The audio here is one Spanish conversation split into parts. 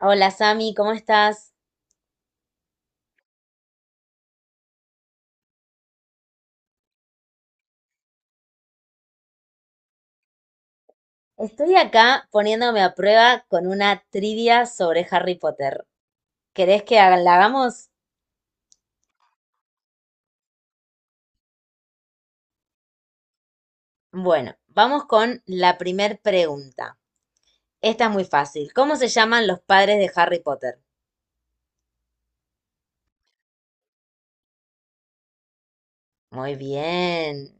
Hola Sami, ¿cómo estás? Estoy acá poniéndome a prueba con una trivia sobre Harry Potter. ¿Querés que la hagamos? Bueno, vamos con la primer pregunta. Esta es muy fácil. ¿Cómo se llaman los padres de Harry Potter? Muy bien,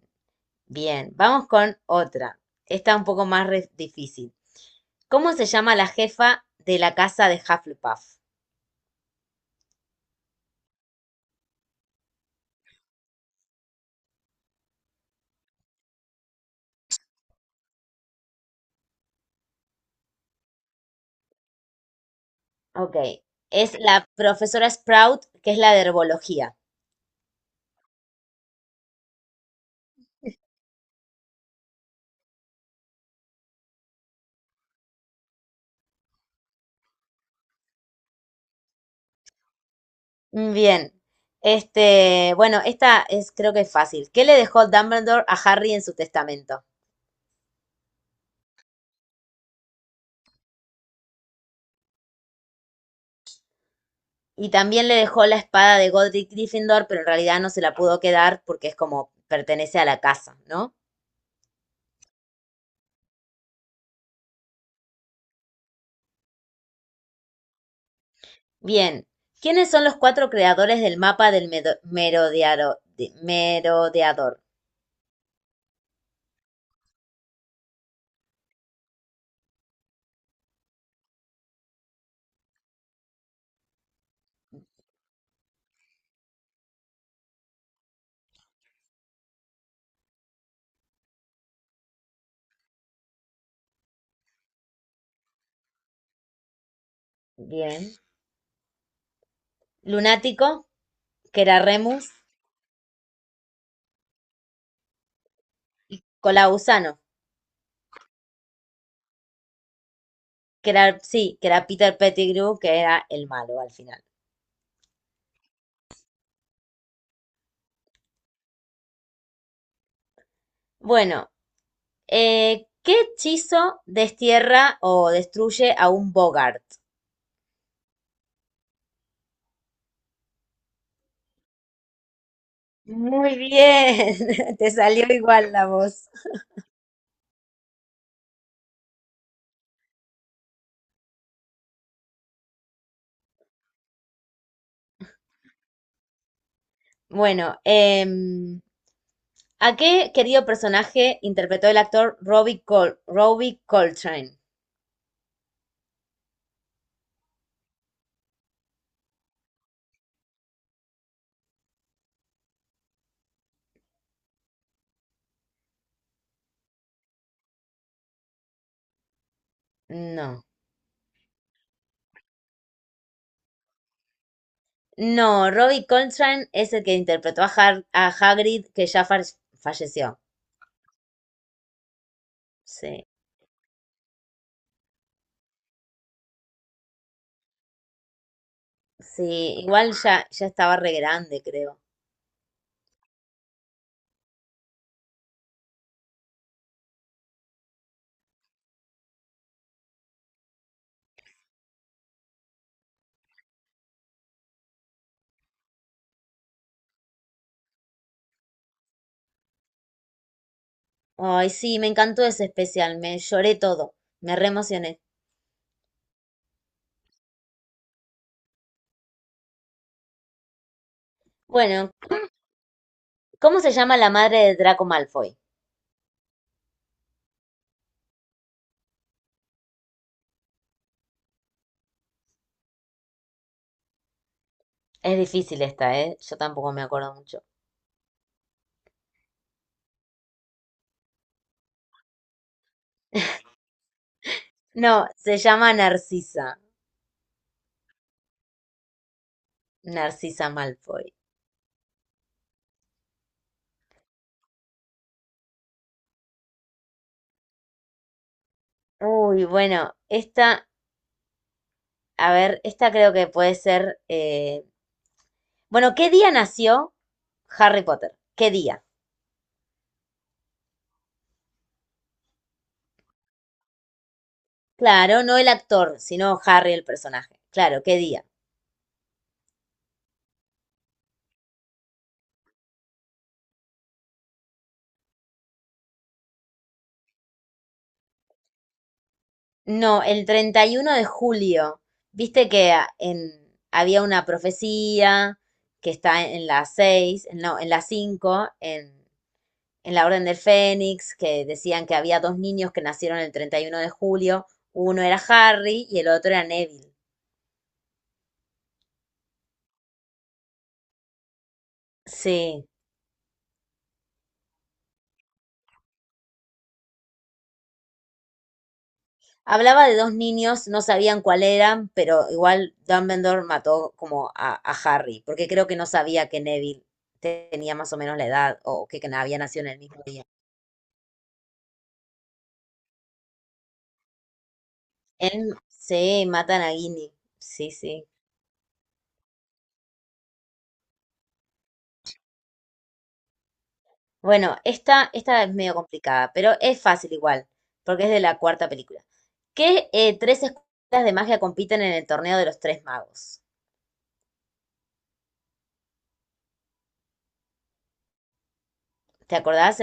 bien. Vamos con otra. Esta un poco más difícil. ¿Cómo se llama la jefa de la casa de Hufflepuff? Ok, es la profesora Sprout, que es la de herbología. Mm. Bien. Este, bueno, esta es creo que es fácil. ¿Qué le dejó Dumbledore a Harry en su testamento? Y también le dejó la espada de Godric Gryffindor, pero en realidad no se la pudo quedar porque es como pertenece a la casa, ¿no? Bien. ¿Quiénes son los cuatro creadores del mapa del merodeador? Bien. Lunático, que era Remus. Colausano, que era, sí, que era Peter Pettigrew, que era el malo al final. Bueno, ¿qué hechizo destierra o destruye a un Bogart? Muy bien, te salió igual la voz. Bueno, ¿a qué querido personaje interpretó el actor Robbie Coltrane? No, no, Robbie Coltrane es el que interpretó a a Hagrid, que falleció. Sí, sí, igual ya estaba re grande, creo. Ay, sí, me encantó ese especial, me lloré todo, me re emocioné. Bueno, ¿cómo se llama la madre de Draco Malfoy? Es difícil esta, ¿eh? Yo tampoco me acuerdo mucho. No, se llama Narcisa. Narcisa Malfoy. Uy, bueno, esta, a ver, esta creo que puede ser, bueno, ¿qué día nació Harry Potter? ¿Qué día? Claro, no el actor, sino Harry el personaje. Claro, ¿qué día? No, el 31 de julio. Viste que había una profecía que está en la 6, no, en la 5, en la Orden del Fénix, que decían que había dos niños que nacieron el 31 de julio. Uno era Harry y el otro era Neville. Sí. Hablaba de dos niños, no sabían cuál eran, pero igual Dumbledore mató como a Harry, porque creo que no sabía que Neville tenía más o menos la edad o que había nacido en el mismo día. Él, sí, matan a Ginny. Sí, sí. Bueno, esta es medio complicada, pero es fácil igual, porque es de la cuarta película. ¿Qué tres escuelas de magia compiten en el torneo de los tres magos? ¿Te acordás?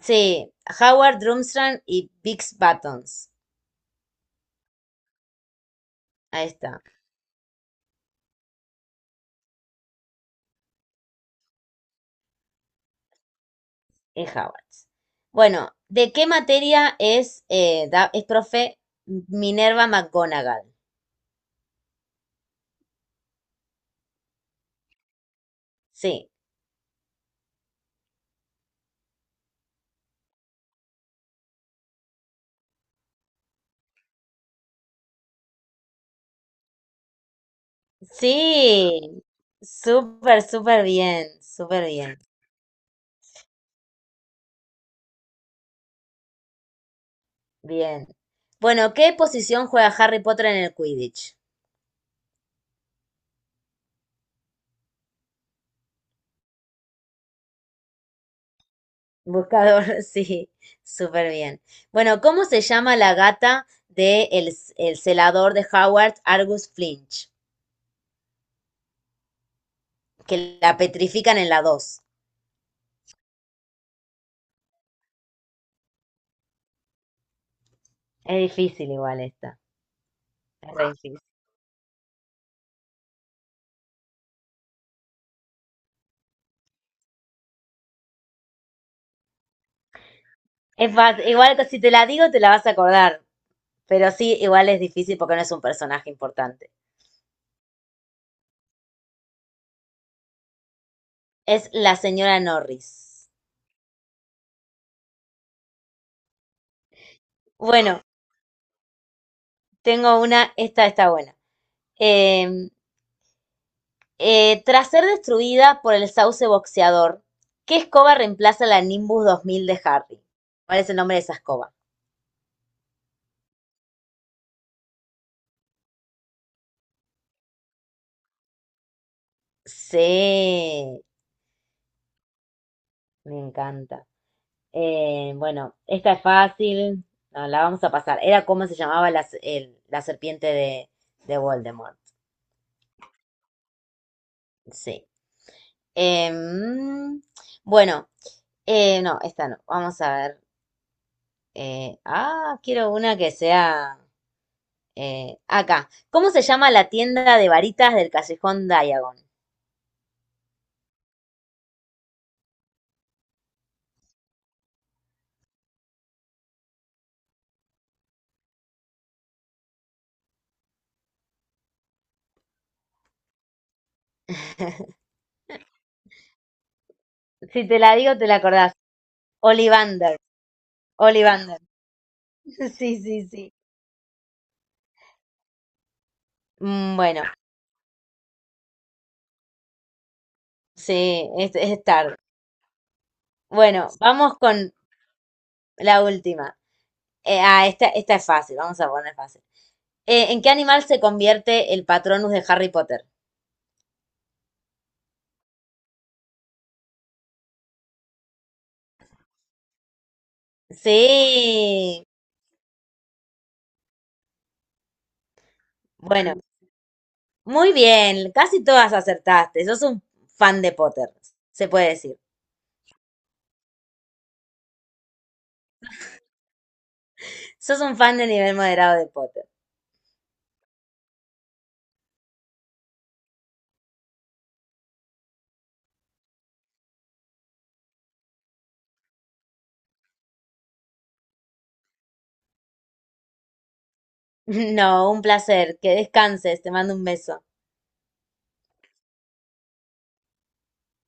Sí, Howard, Drumstrang y Bix Buttons. Ahí está, es Howard. Bueno, ¿de qué materia es profe Minerva McGonagall? Sí, sí, súper, súper bien, súper bien. Bien. Bueno, ¿qué posición juega Harry Potter en el Quidditch? Buscador, sí, súper bien. Bueno, ¿cómo se llama la gata de el celador de Howard, Argus Flinch? Que la petrifican en la dos. Es difícil igual esta. Es re difícil. Es fácil. Igual que si te la digo, te la vas a acordar. Pero sí, igual es difícil porque no es un personaje importante. Es la señora Norris. Bueno, tengo una, esta está buena. Eh, tras ser destruida por el sauce boxeador, ¿qué escoba reemplaza la Nimbus 2000 de Harry? ¿Cuál es el nombre de esa escoba? Sí, me encanta. Bueno, esta es fácil, no, la vamos a pasar. Era como se llamaba la serpiente de Voldemort. Sí. Em, bueno, no, esta no. Vamos a ver. Quiero una que sea. Acá. ¿Cómo se llama la tienda de varitas del callejón Diagon? Si te la digo, te la acordás. Olivander. Olivander. Sí, sí, sí. Mm. Bueno, sí, es tarde. Bueno, vamos con la última. Esta es fácil, vamos a poner fácil. ¿En qué animal se convierte el Patronus de Harry Potter? Sí. Bueno, muy bien. Casi todas acertaste. Sos un fan de Potter, se puede decir. Sos un fan de nivel moderado de Potter. No, un placer. Que descanses. Te mando un beso.